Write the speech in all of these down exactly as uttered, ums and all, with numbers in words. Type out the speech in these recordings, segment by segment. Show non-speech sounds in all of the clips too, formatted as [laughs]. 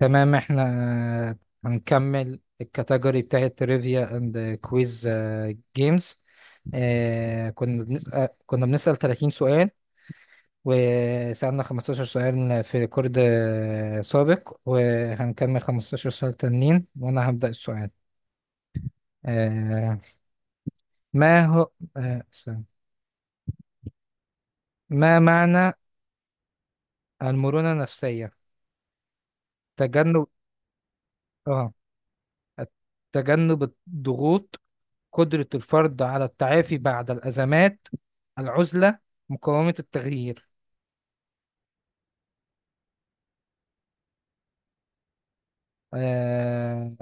تمام احنا هنكمل الكاتيجوري بتاعت تريفيا اند كويز جيمز. كنا بنسأل كنا بنسأل 30 سؤال، وسألنا 15 سؤال في ريكورد آه، سابق، وهنكمل 15 سؤال تانيين وانا هبدأ السؤال. آه، ما هو آه، ثواني. ما معنى المرونة النفسية؟ تجنب، اه تجنب الضغوط، قدرة الفرد على التعافي بعد الأزمات، العزلة، مقاومة التغيير. آه...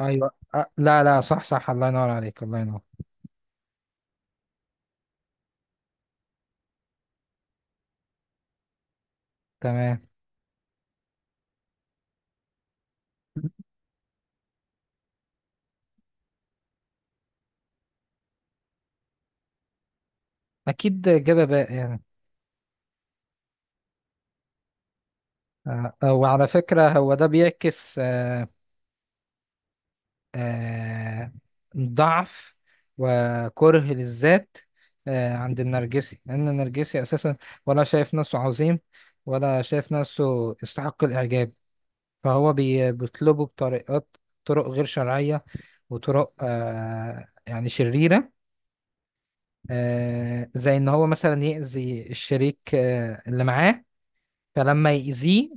أيوة، آه... لا لا صح صح، الله ينور عليك الله ينور. تمام. أكيد إجابة باقي يعني. آه... آه، وعلى فكرة هو ده بيعكس آه... آه... ضعف وكره للذات آه... عند النرجسي، لأن النرجسي أساسا ولا شايف نفسه عظيم ولا شايف نفسه يستحق الإعجاب، فهو بي- بيطلبه بطريقات، طرق غير شرعية وطرق آه يعني شريرة. آه زي إن هو مثلا يأذي الشريك آه اللي معاه، فلما يأذيه،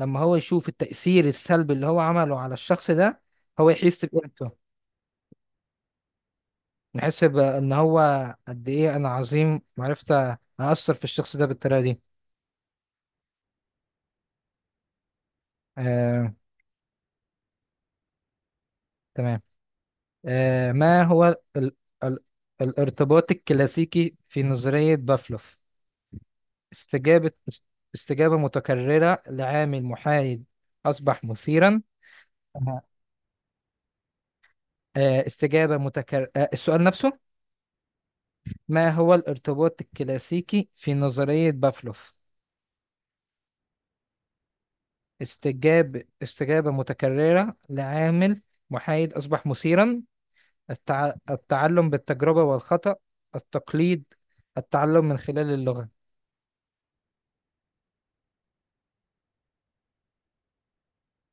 لما هو يشوف التأثير السلبي اللي هو عمله على الشخص ده، هو يحس بقيمته. يحس بإن هو قد إيه أنا عظيم، وعرفت أأثر في الشخص ده بالطريقة دي. آه. تمام. آه ما هو ال ال الارتباط الكلاسيكي في نظرية بافلوف؟ استجابة استجابة متكررة لعامل محايد أصبح مثيرا. أها. آه، استجابة متكررة، السؤال نفسه. ما هو الارتباط الكلاسيكي في نظرية بافلوف؟ استجاب استجابة متكررة لعامل محايد أصبح مثيرا، التع... التعلم بالتجربة والخطأ، التقليد، التعلم من خلال اللغة.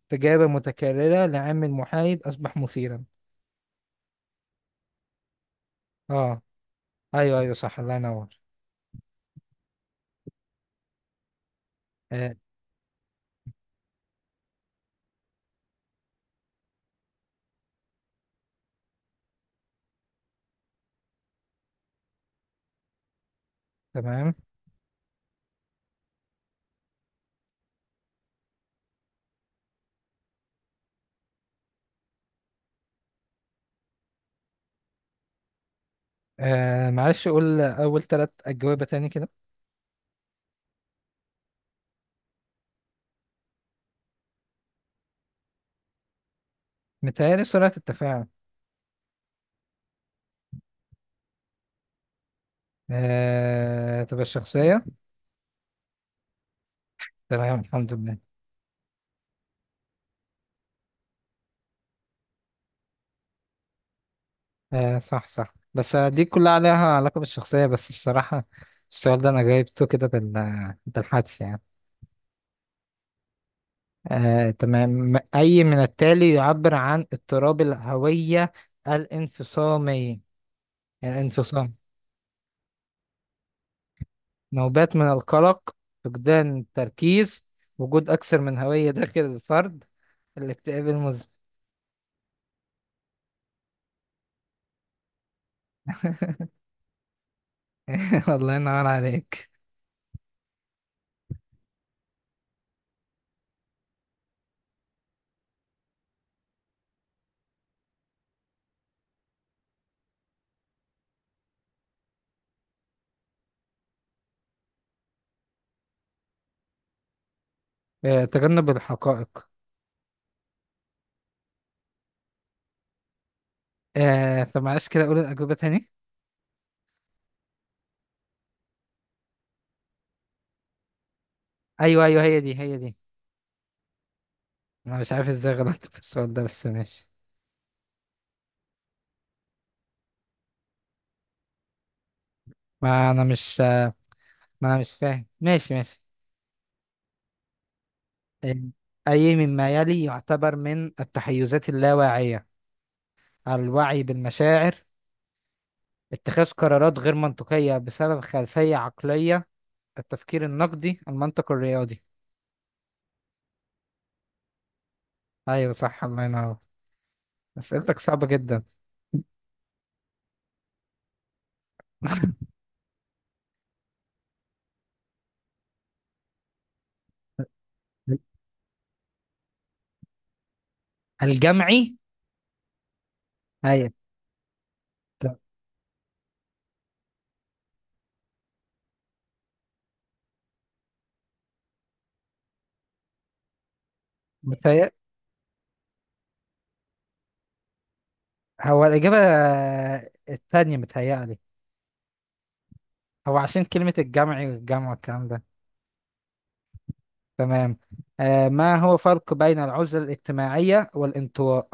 استجابة متكررة لعامل محايد أصبح مثيرا. اه، ايوه ايوه صح الله ينور. آه. تمام. آه معلش قول أول ثلاث أجوبة تاني كده. متهيألي سرعة التفاعل. آه تبقى الشخصية. تمام الحمد لله. آه صح صح، بس دي كلها عليها علاقة بالشخصية، بس بصراحة السؤال ده أنا جايبته كده بال- بالحدس يعني. آه تمام، أي من التالي يعبر عن اضطراب الهوية الانفصامي؟ الانفصام، نوبات من القلق، فقدان التركيز، وجود أكثر من هوية داخل الفرد، الاكتئاب المزمن. [laughs] الله ينور عليك. آه، تجنب الحقائق. آه، طب معلش كده اقول الاجوبه تاني. ايوه ايوه، هي دي هي دي. انا مش عارف ازاي غلطت في السؤال ده بس ماشي. ما انا مش ما انا مش فاهم، ماشي ماشي. آه، اي مما يلي يعتبر من التحيزات اللاواعيه؟ الوعي بالمشاعر، اتخاذ قرارات غير منطقيه بسبب خلفيه عقليه، التفكير النقدي، المنطق الرياضي. ايوه صح الله ينور. اسئلتك صعبه جدا. [laughs] الجمعي. ايوه. هو الإجابة الثانية متهيألي. هو عشان كلمة الجمعي والجمع والكلام ده. تمام. آه ما هو فرق بين العزلة الاجتماعية والانطواء؟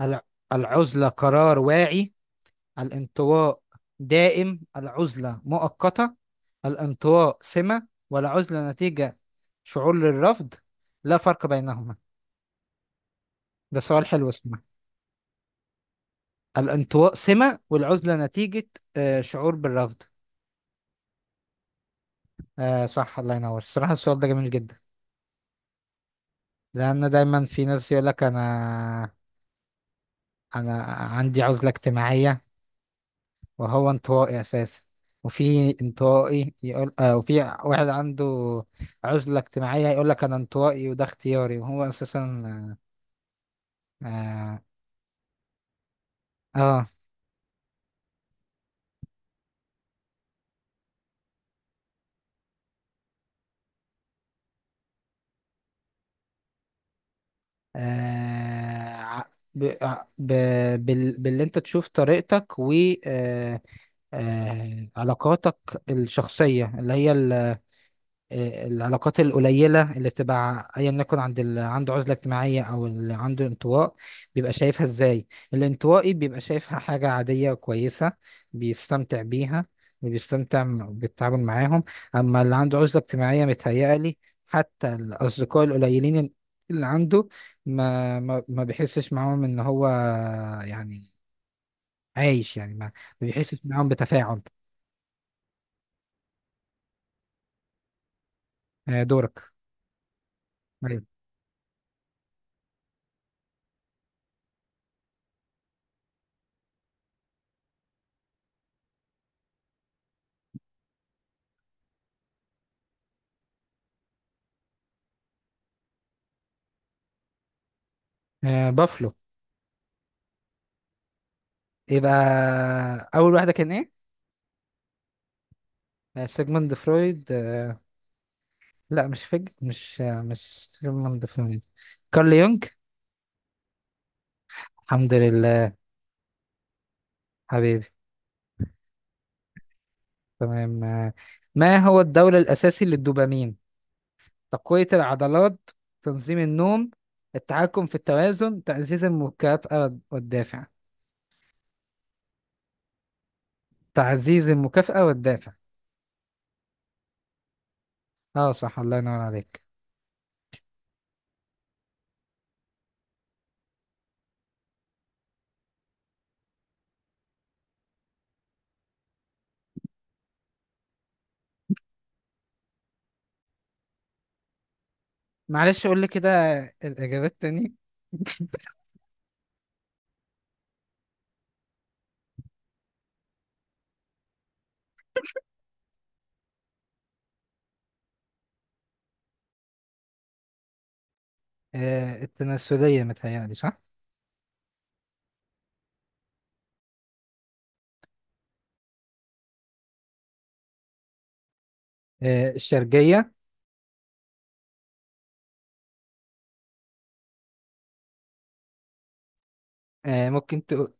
الع- العزلة قرار واعي، الانطواء دائم العزلة مؤقتة، الانطواء سمة والعزلة نتيجة، شعور للرفض، لا فرق بينهما. ده سؤال حلو اسمه. الانطواء سمة والعزلة نتيجة، آه شعور بالرفض. آه صح الله ينور، الصراحة السؤال ده جميل جدا. لأن دايما في ناس يقولك أنا أنا عندي عزلة اجتماعية وهو انطوائي أساسا، وفي انطوائي يقول آه وفي واحد عنده عزلة اجتماعية يقولك أنا انطوائي وده اختياري وهو أساسا. آه آه, آه ع- ب... ع- ب... بال... باللي أنت تشوف طريقتك و آه آه علاقاتك الشخصية، اللي هي آه، العلاقات القليلة اللي بتبقى أيا يكن، عند اللي عنده عزلة اجتماعية أو اللي عنده انطواء، بيبقى شايفها إزاي. الانطوائي بيبقى شايفها حاجة عادية كويسة، بيستمتع بيها وبيستمتع م- بالتعامل معاهم. أما اللي عنده عزلة اجتماعية متهيألي حتى الأصدقاء القليلين اللي عنده ما ما ما بيحسش معاهم إن هو يعني عايش، يعني ما ما بيحسش معاهم بتفاعل. آه، دورك. أيوة. آه، بافلو. يبقى أول واحدة كان إيه؟ آه، سيجموند فرويد. آه، لا مش فج، مش آه، مش سيجموند فرويد، كارل يونغ. الحمد لله. حبيبي. تمام. آه، ما هو الدولة الأساسي للدوبامين؟ تقوية العضلات، تنظيم النوم، التحكم في التوازن، تعزيز المكافأة والدافع. تعزيز المكافأة والدافع. اه صح الله ينور عليك. معلش قول لي كده الإجابات تاني. آه، التناسلية متهيألي صح. آه، الشرجية. آه، ممكن تقول.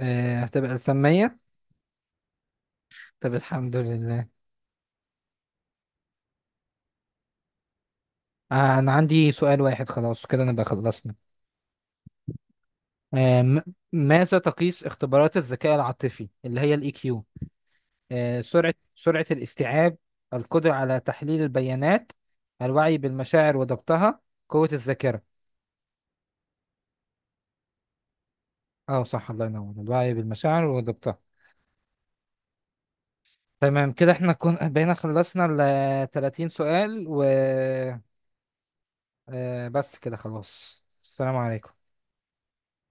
آه، هتبقى الفمية. طب الحمد لله. آه، أنا عندي سؤال واحد خلاص كده نبقى خلصنا. آه، م- ماذا تقيس اختبارات الذكاء العاطفي اللي هي الاي كيو؟ سرعة سرعة الاستيعاب، القدرة على تحليل البيانات، الوعي بالمشاعر وضبطها، قوة الذاكرة. اه صح الله ينور، الوعي بالمشاعر وضبطها. تمام، كده احنا كنا بقينا خلصنا ال 30 سؤال. و آه، بس كده خلاص، السلام عليكم.